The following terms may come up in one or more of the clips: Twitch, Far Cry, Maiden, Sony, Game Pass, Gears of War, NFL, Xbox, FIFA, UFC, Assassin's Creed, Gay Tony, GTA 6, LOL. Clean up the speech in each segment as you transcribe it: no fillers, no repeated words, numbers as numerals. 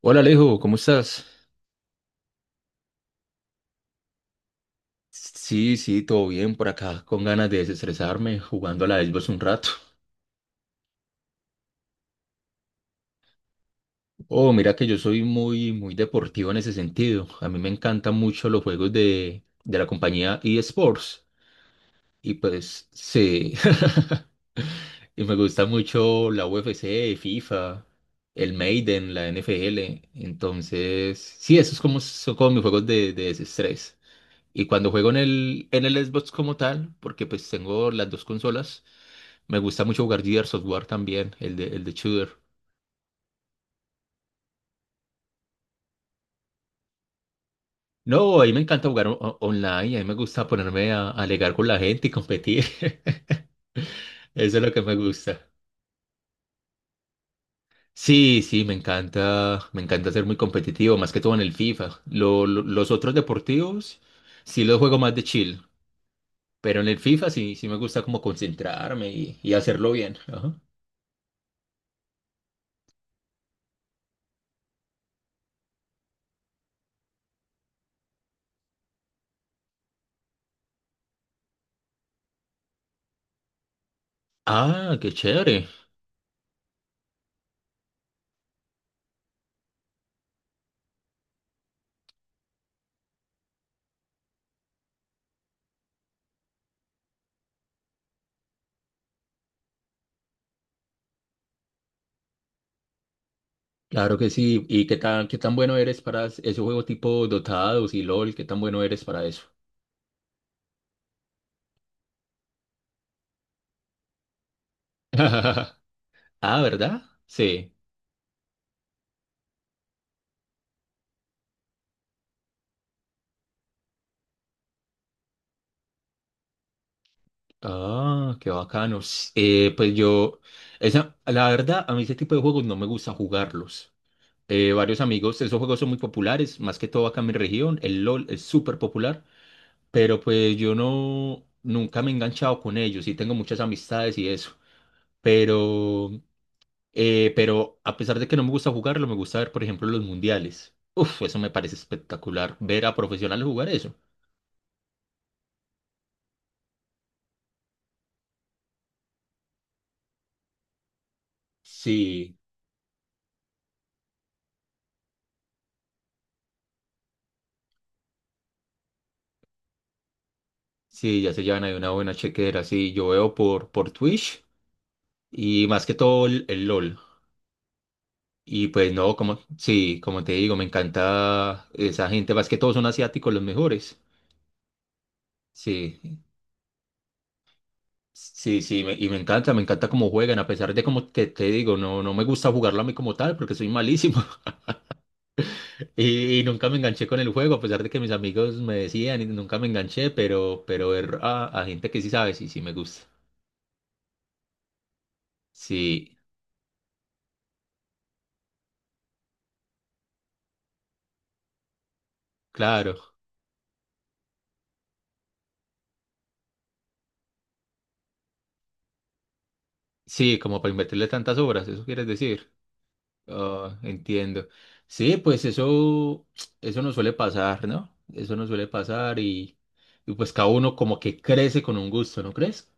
Hola Alejo, ¿cómo estás? Sí, sí, todo bien por acá, con ganas de desestresarme jugando a la Xbox un rato. Oh, mira que yo soy muy, muy deportivo en ese sentido. A mí me encantan mucho los juegos de la compañía eSports. Y pues, sí. Y me gusta mucho la UFC, FIFA, el Maiden, la NFL. Entonces, sí, esos como, son como mis juegos de desestrés. Y cuando juego en el Xbox como tal, porque pues tengo las dos consolas. Me gusta mucho jugar Gears Software también, el de Shooter. No, a mí me encanta jugar online, a mí me gusta ponerme a alegar con la gente y competir. Eso es lo que me gusta. Sí, sí, me encanta ser muy competitivo, más que todo en el FIFA. Los otros deportivos sí los juego más de chill, pero en el FIFA sí, sí me gusta como concentrarme y hacerlo bien. Ajá. Ah, qué chévere. Claro que sí. ¿Y qué tan bueno eres para ese juego tipo Dotados y LOL? ¿Qué tan bueno eres para eso? Ah, ¿verdad? Sí. Ah, qué bacano. Pues yo, esa, la verdad, a mí ese tipo de juegos no me gusta jugarlos. Varios amigos, esos juegos son muy populares, más que todo acá en mi región. El LOL es súper popular, pero pues yo no, nunca me he enganchado con ellos y tengo muchas amistades y eso. pero pero a pesar de que no me gusta jugarlo, me gusta ver, por ejemplo, los mundiales. Uf, eso me parece espectacular, ver a profesionales jugar eso. Sí, sí, ya se llevan ahí una buena chequera, sí, yo veo por Twitch y más que todo el LOL. Y pues no, como, sí, como te digo, me encanta esa gente, más que todos son asiáticos los mejores. Sí, sí, sí, y me encanta cómo juegan, a pesar de como te digo, no, no me gusta jugarlo a mí como tal, porque soy malísimo. Y nunca me enganché con el juego, a pesar de que mis amigos me decían y nunca me enganché, pero ver a gente que sí sabe, sí, sí me gusta. Sí, claro. Sí, como para invertirle tantas obras, ¿eso quieres decir? Ah, entiendo. Sí, pues eso no suele pasar, ¿no? Eso no suele pasar y pues cada uno como que crece con un gusto, ¿no crees?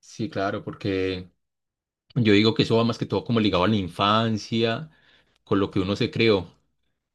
Sí, claro, porque yo digo que eso va más que todo como ligado a la infancia, con lo que uno se creó.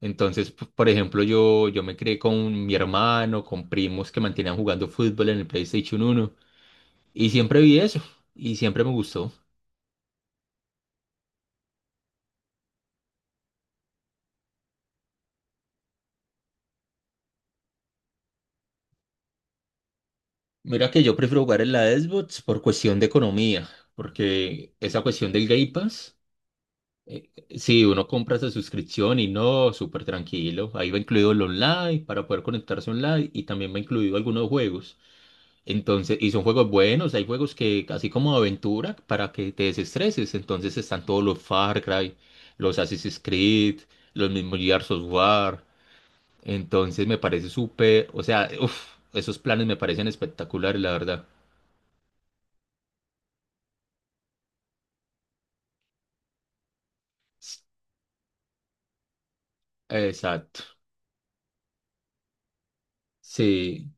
Entonces, por ejemplo, yo me crié con mi hermano, con primos que mantenían jugando fútbol en el PlayStation 1 y siempre vi eso y siempre me gustó. Mira que yo prefiero jugar en la Xbox por cuestión de economía, porque esa cuestión del Game Pass, eh, si uno compra esa suscripción y no, súper tranquilo, ahí va incluido el online para poder conectarse online y también va incluido algunos juegos. Entonces, y son juegos buenos, hay juegos que, así como de aventura, para que te desestreses. Entonces están todos los Far Cry, los Assassin's Creed, los mismos Gears of War. Entonces me parece súper, o sea, uf, esos planes me parecen espectaculares, la verdad. S- Exacto. Sí.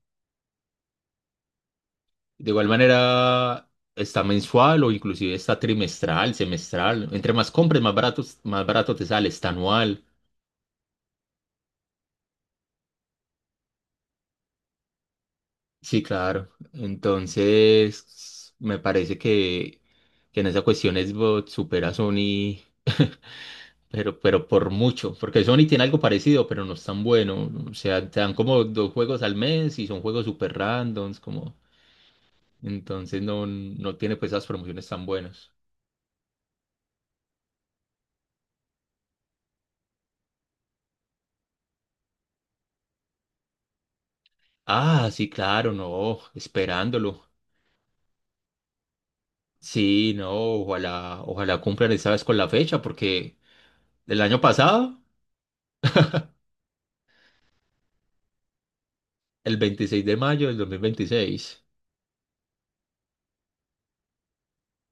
De igual manera, está mensual o inclusive está trimestral, semestral. Entre más compres, más barato te sale, está anual. Sí, claro. Entonces, me parece que en esa cuestión Xbox supera a Sony, pero por mucho, porque Sony tiene algo parecido, pero no es tan bueno. O sea, te dan como dos juegos al mes y son juegos super randoms, como... Entonces no, no tiene pues esas promociones tan buenas. Ah, sí, claro, no, esperándolo. Sí, no, ojalá, ojalá cumplan esta vez con la fecha, porque el año pasado, el 26 de mayo del 2026.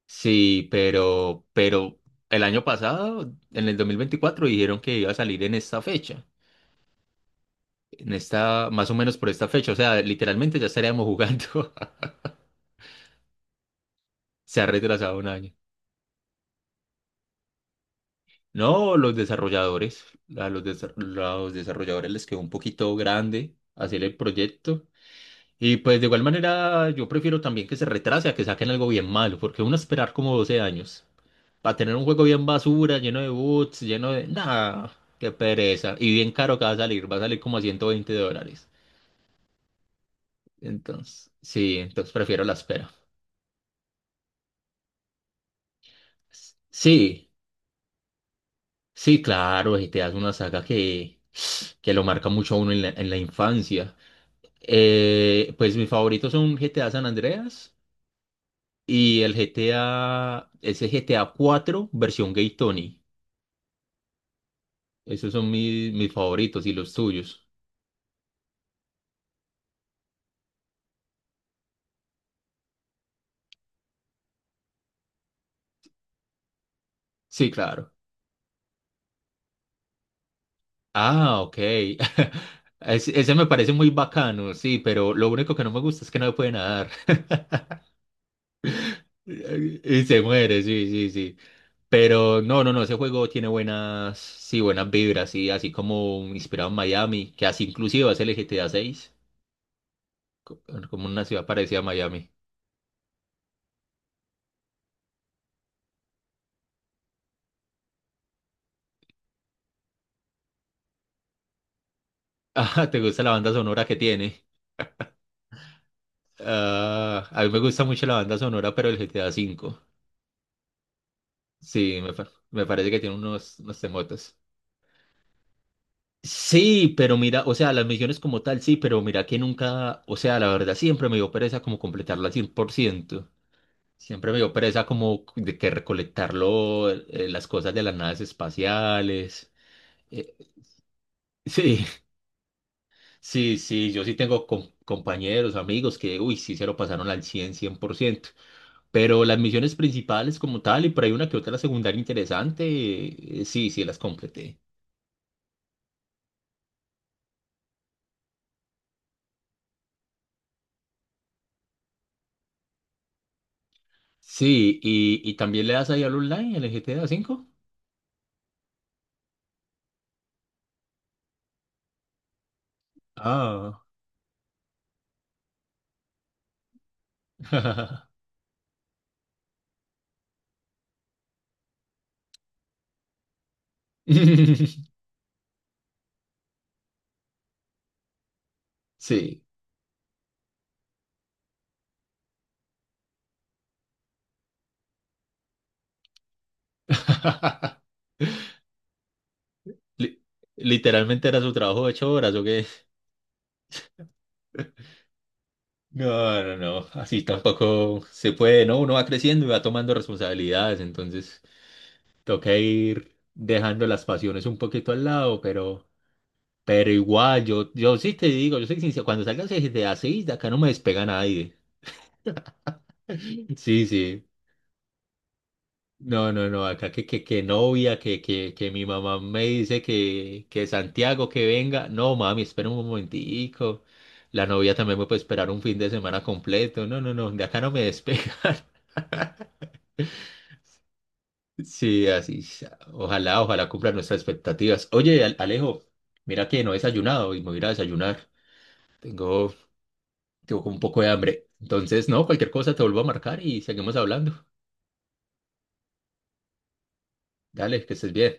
Sí, pero el año pasado, en el 2024, dijeron que iba a salir en esta fecha, en esta, más o menos por esta fecha, o sea, literalmente ya estaríamos jugando. Se ha retrasado un año. No, los desarrolladores, los desarrolladores les quedó un poquito grande hacer el proyecto. Y pues de igual manera, yo prefiero también que se retrase a que saquen algo bien malo, porque uno esperar como 12 años. Para tener un juego bien basura, lleno de boots, lleno de... nada qué pereza. Y bien caro que va a salir como a $120. Entonces, sí, entonces prefiero la espera. Sí, sí, claro, y te das una saga que lo marca mucho a uno en la infancia. Pues mis favoritos son GTA San Andreas y el GTA, ese GTA 4 versión Gay Tony. Esos son mis favoritos y los tuyos. Sí, claro. Ah, ok. Ese me parece muy bacano, sí, pero lo único que no me gusta es que no puede nadar. Y se muere, sí, sí, sí. Pero no, no, no, ese juego tiene buenas, sí, buenas vibras, y así como inspirado en Miami, que así inclusive va a ser el GTA 6, como una ciudad parecida a Miami. Ah, ¿te gusta la banda sonora que tiene? Ah, a mí me gusta mucho la banda sonora, pero el GTA 5. Sí, me parece que tiene unos temotes. Sí, pero mira, o sea, las misiones como tal, sí, pero mira que nunca, o sea, la verdad siempre me dio pereza como completarla al 100%. Siempre me dio pereza como de que recolectarlo, las cosas de las naves espaciales. Eh, sí, sí, sí, yo sí tengo compañeros, amigos que, uy, sí se lo pasaron al cien, cien por ciento. Pero las misiones principales como tal, y por ahí una que otra la secundaria interesante, sí, sí las completé. Sí, y también le das ahí al online, al GTA cinco. Ah. Sí. Li- Literalmente era su trabajo de 8 horas, ¿o qué? No, no, no. Así tampoco se puede, ¿no? Uno va creciendo y va tomando responsabilidades, entonces toca ir dejando las pasiones un poquito al lado, pero igual, yo sí te digo, yo soy sincero, cuando salgas de así, de acá no me despega nadie. Sí, sí. No, no, no, acá que, que novia, que, que mi mamá me dice que Santiago que venga. No, mami, espera un momentico. La novia también me puede esperar un fin de semana completo. No, no, no, de acá no me despegan. Sí, así sea. Ojalá, ojalá cumplan nuestras expectativas. Oye, Alejo, mira que no he desayunado y me voy a ir a desayunar. Tengo, Tengo un poco de hambre. Entonces, no, cualquier cosa te vuelvo a marcar y seguimos hablando. Dale, que estés bien.